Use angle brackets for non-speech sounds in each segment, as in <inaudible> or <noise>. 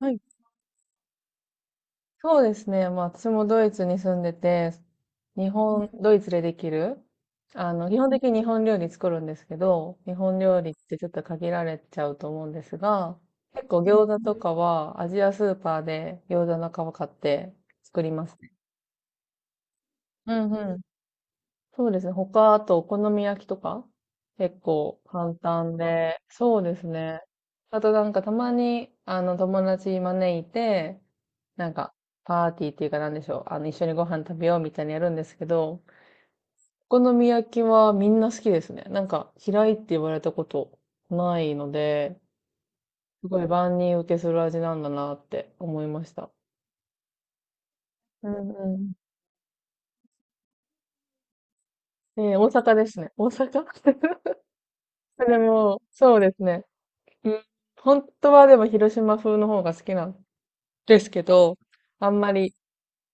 はい、そうですね。まあ、私もドイツに住んでて、日本、ドイツでできる、基本的に日本料理作るんですけど、日本料理ってちょっと限られちゃうと思うんですが、結構餃子とかはアジアスーパーで餃子の皮買って作りますね。うん、そうですね。他、あと、お好み焼きとか、結構簡単で、そうですね。あとなんかたまに、友達招いて、なんか、パーティーっていうかなんでしょう。一緒にご飯食べようみたいにやるんですけど、お好み焼きはみんな好きですね。なんか、嫌いって言われたことないので、すごい万人受けする味なんだなって思いました。うんうん。で、大阪ですね。大阪。 <laughs> でも、そうですね。うん、本当はでも広島風の方が好きなんですけど、あんまり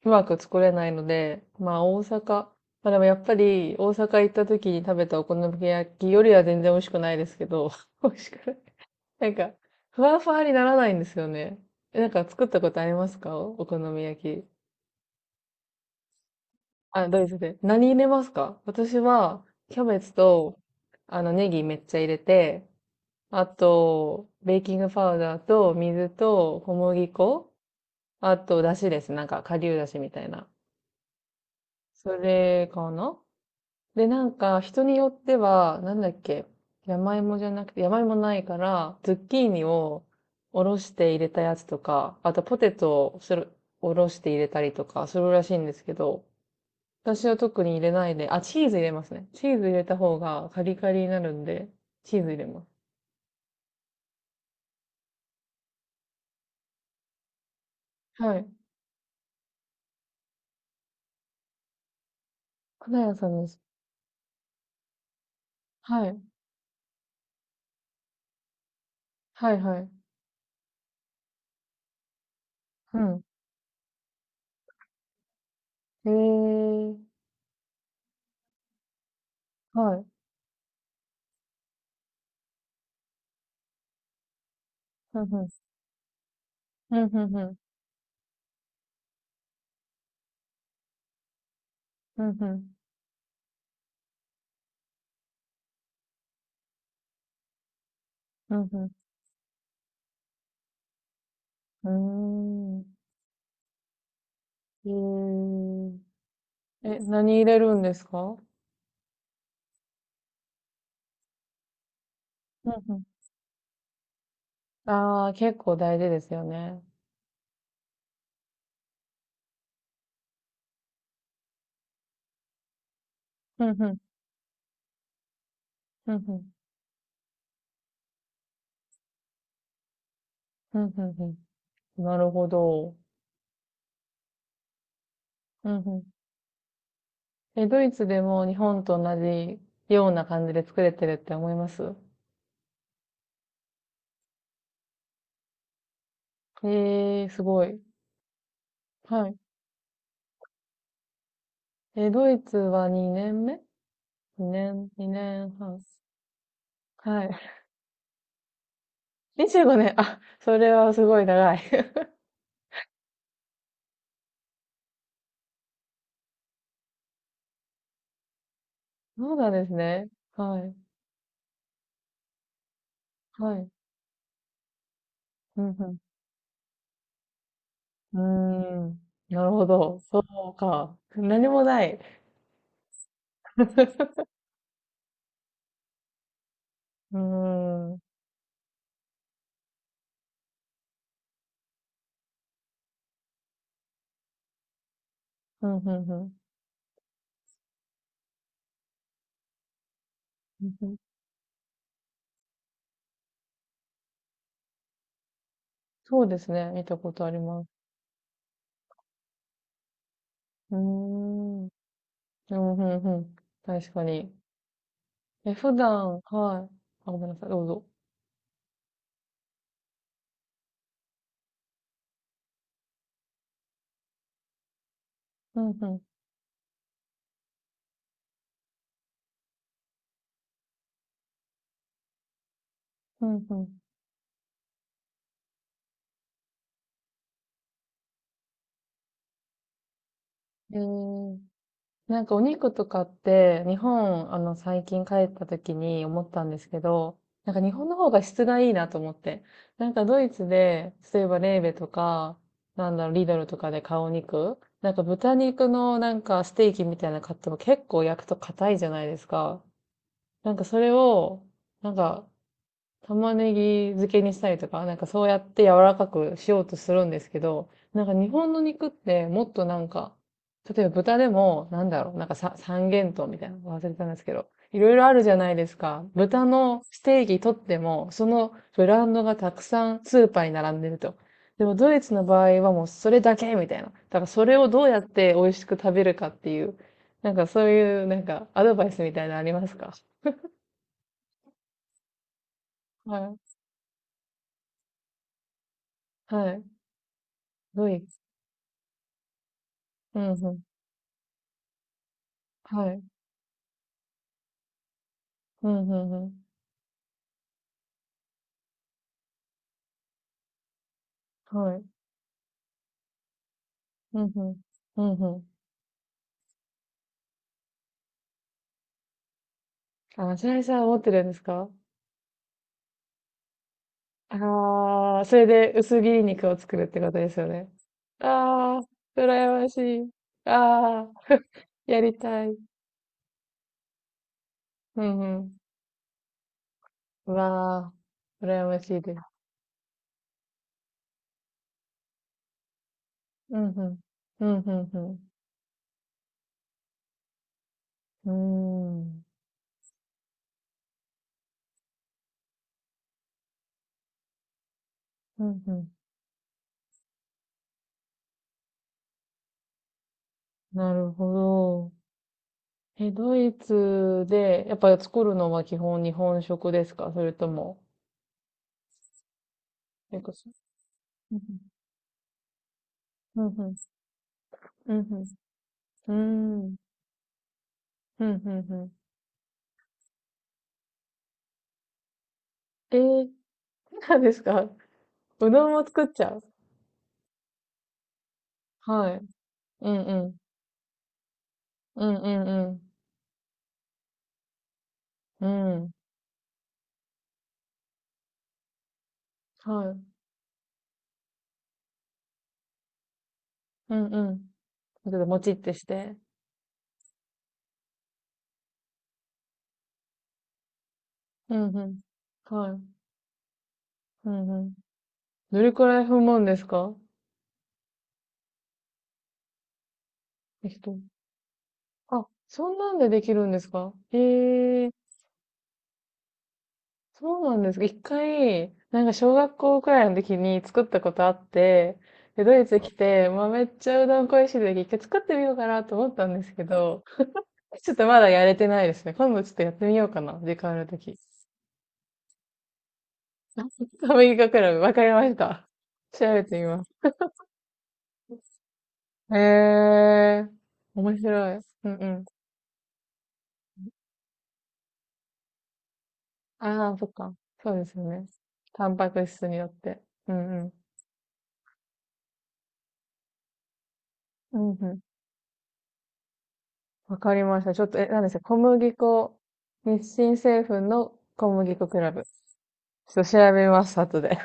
うまく作れないので、まあ大阪、まあでもやっぱり大阪行った時に食べたお好み焼きよりは全然美味しくないですけど、<laughs> 美味しくない。なんか、ふわふわにならないんですよね。え、なんか作ったことありますか、お好み焼き。あ、ドイツで。何入れますか？私は、キャベツと、ネギめっちゃ入れて、あと、ベーキングパウダーと水と小麦粉、あと、だしです。なんか、顆粒だしみたいな。それかな。で、なんか、人によっては、なんだっけ、山芋じゃなくて、山芋ないから、ズッキーニをおろして入れたやつとか、あとポテトをする、おろして入れたりとかするらしいんですけど、私は特に入れないで、あ、チーズ入れますね。チーズ入れた方がカリカリになるんで、チーズ入れます。はい。花屋さんです。はい。はいはい。うん。へえ。はい。ふんふん。うんふんふん。うん、うん、うんうん、うーん。えー、え、何入れるんですか？うん、うん。ああ、結構大事ですよね。うん、うん、うん、うん、うん、うんうん。なるほど。うん、うん。え、ドイツでも日本と同じような感じで作れてるって思います？ええー、すごい。はい。え、ドイツは2年目？ 2 年、2年半。はい。<laughs> 25年。あ、それはすごい長い。<laughs> そうなんですね。はい。はい。うんうん。うーん。なるほど。そうか。何もない。<laughs> うーん。うんうんうん。うんうん。そうですね。見たことあります。うーん。うん、うんうん。確かに。え、普段、はい。あ、ごめんなさい。どうぞ。うん、ふん。うん、ふん。えー、なんかお肉とかって、日本、最近帰った時に思ったんですけど、なんか日本の方が質がいいなと思って。なんかドイツで、例えばレーベとか、なんだろう、リドルとかで買うお肉、なんか豚肉のなんかステーキみたいなの買っても結構焼くと硬いじゃないですか。なんかそれを、なんか玉ねぎ漬けにしたりとか、なんかそうやって柔らかくしようとするんですけど、なんか日本の肉ってもっとなんか、例えば豚でも、なんだろう、なんかさ三元豚みたいなの忘れたんですけど、いろいろあるじゃないですか。豚のステーキ取っても、そのブランドがたくさんスーパーに並んでると。でもドイツの場合はもうそれだけみたいな。だからそれをどうやって美味しく食べるかっていう、なんかそういうなんかアドバイスみたいなのありますか？はい。はい。ドイツ、うんうん。はい。うんうんうん。はい。うんうん。うんうん。あ、白石さん持ってるんですか？ああー、それで薄切り肉を作るってことですよね。ああ、羨ましい。ああ、やりたい。うんうん。うわあ、羨ましいです。うんうん。うんうんうん。うーん。うんうん。なるほど。え、ドイツで、やっぱり作るのは基本日本食ですか？それとも、なんかそう、んうん。うんうん。うんうん、うーん。ふんふんふん。えー、<laughs> そうなんですか？ <laughs> うどんも作っちゃう？はい。うんうん。うんうんうん。うん。はい。うんうん。ちょっともちってして。うんうん。はい。うんうん。どれくらい踏むんですか？適当。あ、そんなんでできるんですか？へえ、そうなんですか。一回、なんか小学校くらいの時に作ったことあって、で、ドイツ来て、まあ、めっちゃうどん恋しい時、一回作ってみようかなと思ったんですけど、ちょっとまだやれてないですね。今度ちょっとやってみようかな。時間あるとき。<laughs> アメリカクラブ、わかりました。調べてみます。へえー、面白い。うんうん。ああ、そっか。そうですよね。タンパク質によって。うんうん。うんうん。わかりました。ちょっと、え、何でした小麦粉、日清製粉の小麦粉クラブ。ちょっと調べます、後で。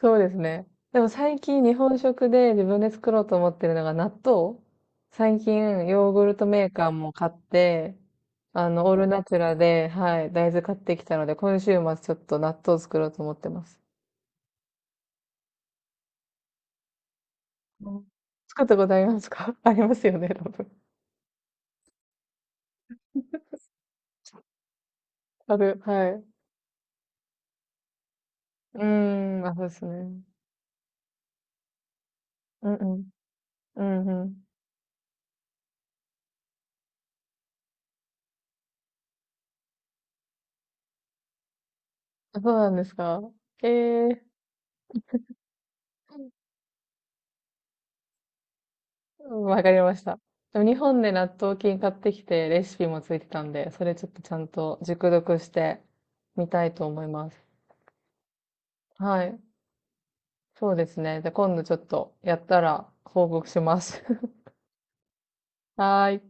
そうですね。でも最近日本食で自分で作ろうと思ってるのが納豆。最近ヨーグルトメーカーも買って、オールナチュラで、はい、大豆買ってきたので、今週末ちょっと納豆作ろうと思ってます。うん、作ったことありますか？ <laughs> ありますよね、多分。ある、はい。うーん、あ、そうですね。うんうん。うんうん。あ、そうなんですか？ええー、わかりました。でも日本で納豆菌買ってきてレシピもついてたんで、それちょっとちゃんと熟読してみたいと思います。はい。そうですね。じゃあ今度ちょっとやったら報告します。<laughs> はーい。